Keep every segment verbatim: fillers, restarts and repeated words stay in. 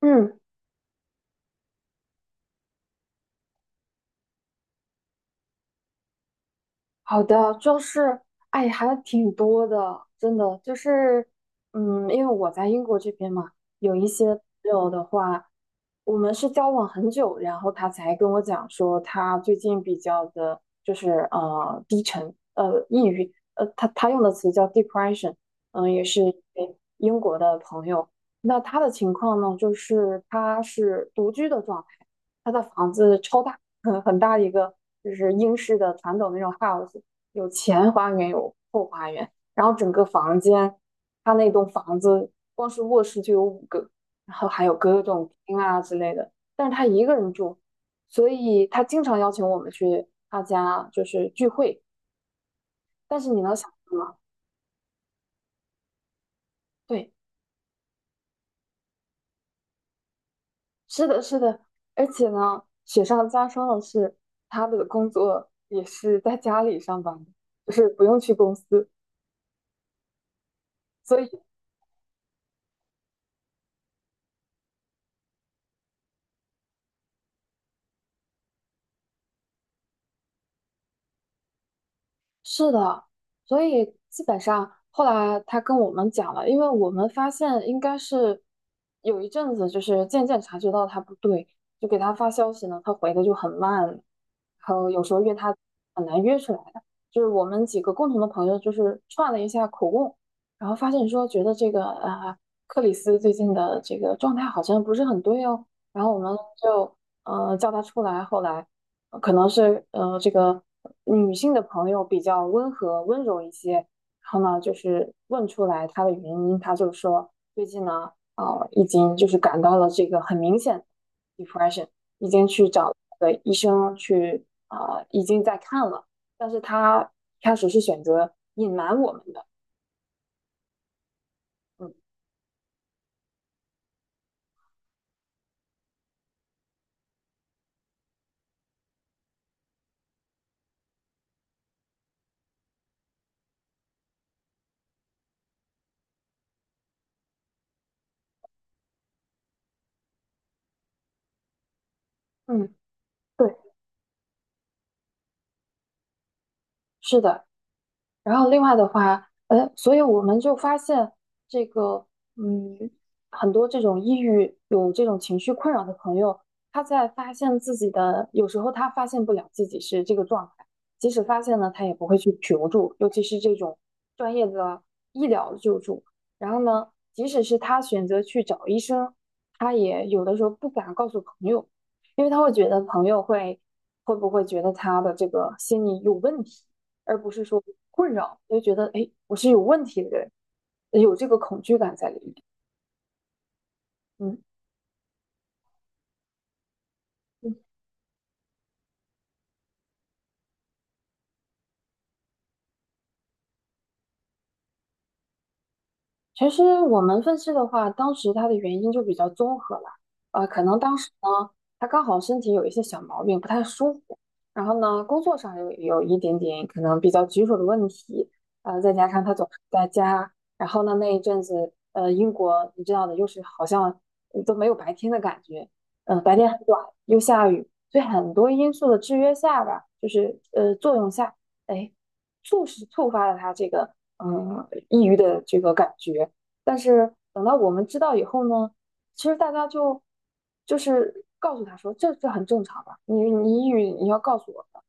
嗯，好的，就是，哎，还挺多的，真的，就是，嗯，因为我在英国这边嘛，有一些朋友的话，我们是交往很久，然后他才跟我讲说，他最近比较的，就是呃低沉，呃抑郁，呃，他他用的词叫 depression，嗯、也是一位英国的朋友，那他的情况呢，就是他是独居的状态，他的房子超大。很很大的一个就是英式的传统那种 house，有前花园有后花园，然后整个房间，它那栋房子光是卧室就有五个，然后还有各种厅啊之类的，但是他一个人住，所以他经常邀请我们去他家就是聚会，但是你能想象吗？对，是的，是的，而且呢，雪上加霜的是，他的工作也是在家里上班的，就是不用去公司。所以。是的，所以基本上后来他跟我们讲了，因为我们发现应该是有一阵子，就是渐渐察觉到他不对，就给他发消息呢，他回的就很慢，然后有时候约他很难约出来的。就是我们几个共同的朋友，就是串了一下口供，然后发现说觉得这个啊、克里斯最近的这个状态好像不是很对哦，然后我们就呃叫他出来，后来。可能是呃，这个女性的朋友比较温和温柔一些，然后呢，就是问出来她的原因，她就说最近呢啊，呃，已经就是感到了这个很明显的 depression，已经去找了医生去啊、呃已经在看了，但是她一开始是选择隐瞒我们的，嗯嗯，对，是的。然后另外的话，呃，所以我们就发现这个，嗯，很多这种抑郁有这种情绪困扰的朋友，他在发现自己的，有时候他发现不了自己是这个状态，即使发现了，他也不会去求助，尤其是这种专业的医疗救助。然后呢，即使是他选择去找医生，他也有的时候不敢告诉朋友，因为他会觉得朋友会会不会觉得他的这个心理有问题。而不是说困扰，就觉得哎，我是有问题的人，有这个恐惧感在里面。嗯，嗯，其实我们分析的话，当时他的原因就比较综合了，呃，可能当时呢，他刚好身体有一些小毛病，不太舒服，然后呢，工作上有有一点点可能比较棘手的问题，呃，再加上他总是在家，然后呢，那一阵子，呃，英国你知道的，又是好像都没有白天的感觉，嗯、白天很短，又下雨，所以很多因素的制约下吧，就是呃作用下，哎，促使触发了他这个。嗯，抑郁的这个感觉。但是等到我们知道以后呢，其实大家就就是告诉他说，这这很正常吧？你你抑郁，你要告诉我的，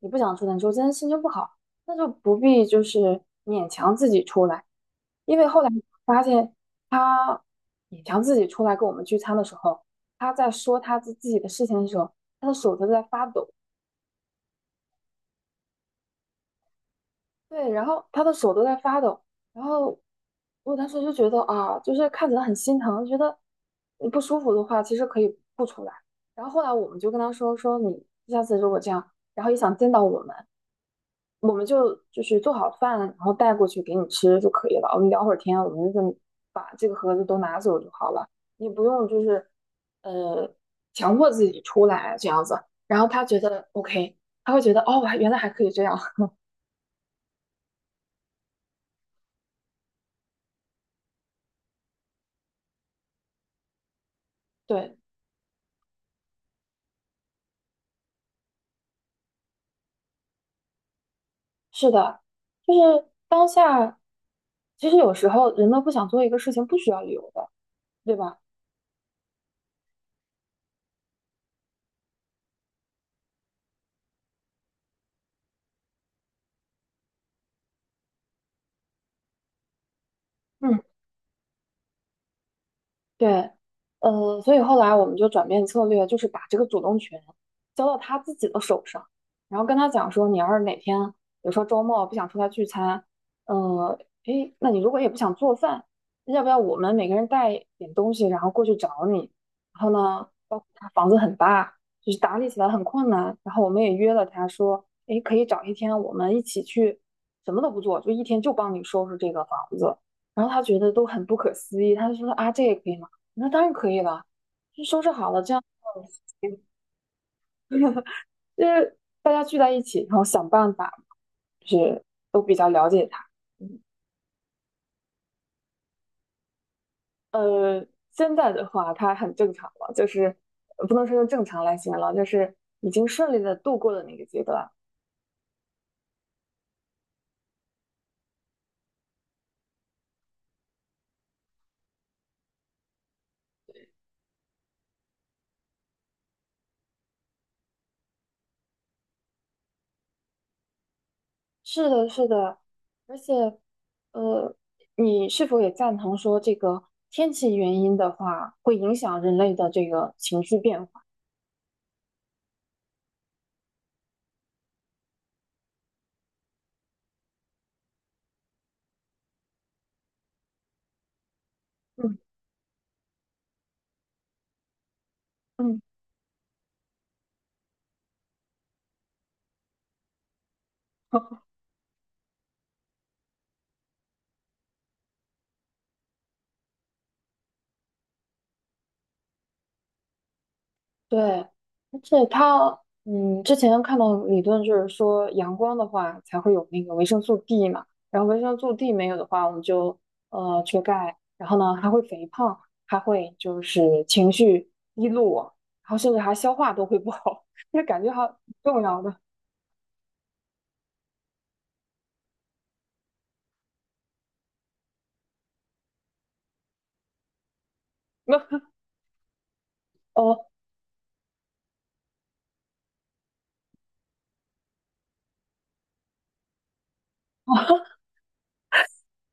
你不想出来，你说今天心情不好，那就不必就是勉强自己出来，因为后来发现他勉强自己出来跟我们聚餐的时候，他在说他自自己的事情的时候，他的手都在发抖。对，然后他的手都在发抖，然后我当时就觉得啊，就是看起来很心疼，觉得你不舒服的话，其实可以不出来。然后后来我们就跟他说说你下次如果这样，然后也想见到我们，我们就就是做好饭，然后带过去给你吃就可以了。我们聊会儿天，我们就把这个盒子都拿走就好了，你不用就是呃强迫自己出来这样子。然后他觉得 OK，他会觉得哦，我还原来还可以这样，对。是的，就是当下，其实有时候人们不想做一个事情，不需要理由的，对吧？嗯。对，呃，所以后来我们就转变策略，就是把这个主动权交到他自己的手上，然后跟他讲说，你要是哪天，比如说周末不想出来聚餐，呃，诶，那你如果也不想做饭，要不要我们每个人带点东西，然后过去找你？然后呢，包括他房子很大，就是打理起来很困难，然后我们也约了他说，诶，可以找一天我们一起去，什么都不做，就一天就帮你收拾这个房子。然后他觉得都很不可思议，他就说啊，这也可以吗？那当然可以了，就收拾好了，这样就是大家聚在一起，然后想办法，就是呃，现在的话它很正常了，就是呃不能说用正常来形容了就是已经顺利的度过了那个阶段。是的，是的，而且呃，你是否也赞同说这个天气原因的话，会影响人类的这个情绪变化？嗯嗯。对，而且它，嗯，之前看到理论就是说，阳光的话才会有那个维生素 D 嘛，然后维生素 D 没有的话，我们就呃缺钙，然后呢还会肥胖，还会就是情绪低落，然后甚至还消化都会不好，就感觉还挺重要的。那哦，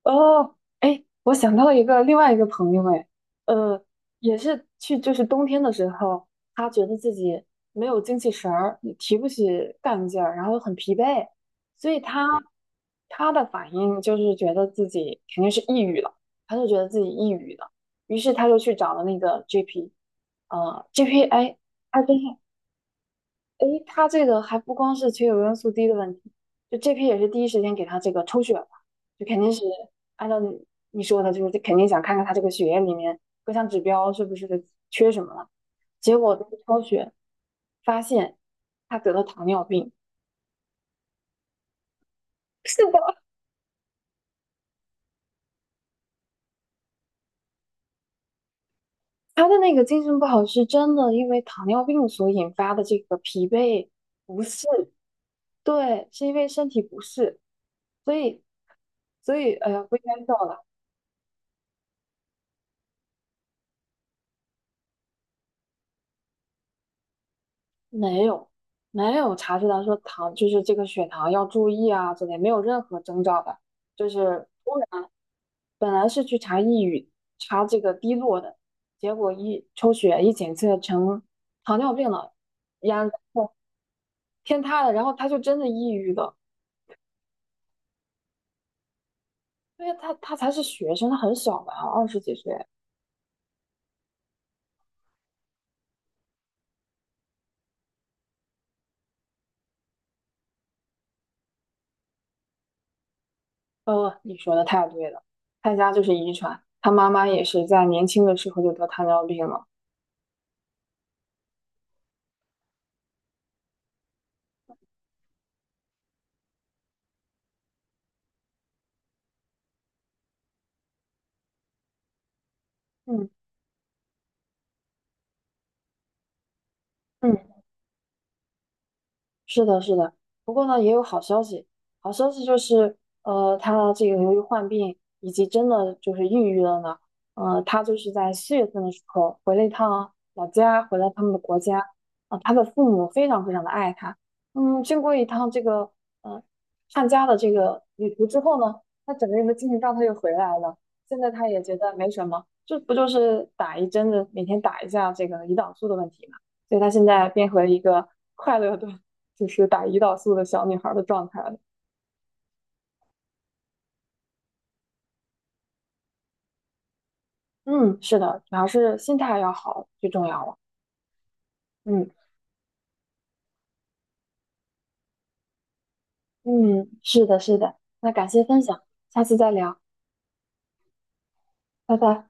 哦，哎，我想到了一个另外一个朋友，哎，呃，也是去就是冬天的时候，他觉得自己没有精气神儿，也提不起干劲儿，然后很疲惫，所以他他的反应就是觉得自己肯定是抑郁了，他就觉得自己抑郁了，于是他就去找了那个 G P，呃，G P，哎，还真是诶，他这个还不光是缺有元素 D 的问题，就这批也是第一时间给他这个抽血嘛，就肯定是按照你你说的，就是肯定想看看他这个血液里面各项指标是不是缺什么了。结果抽血发现他得了糖尿病，是的，他的那个精神不好是真的因为糖尿病所引发的这个疲惫不适，对，是因为身体不适，所以所以哎呀不应该叫了，没有，没有查出来说糖就是这个血糖要注意啊之类，没有任何征兆的，就是突然本来是去查抑郁，查这个低落的，结果一抽血一检测成糖尿病了，然后天塌了，然后他就真的抑郁了，因为他他才是学生，他很小嘛，二十几岁。呃，你说的太对了，他家就是遗传，他妈妈也是在年轻的时候就得糖尿病了。嗯嗯。是的，是的。不过呢，也有好消息。好消息就是，呃，他这个由于患病以及真的就是抑郁了呢，呃，他就是在四月份的时候回了一趟老家，回了他们的国家。啊、他的父母非常非常的爱他。嗯，经过一趟这个呃探家的这个旅途之后呢，他整个人的精神状态又回来了。现在他也觉得没什么，这不就是打一针的，每天打一下这个胰岛素的问题嘛。所以他现在变回了一个快乐的。就是打胰岛素的小女孩的状态的。嗯，是的，主要是心态要好，最重要了。嗯嗯，是的，是的。那感谢分享，下次再聊，拜拜。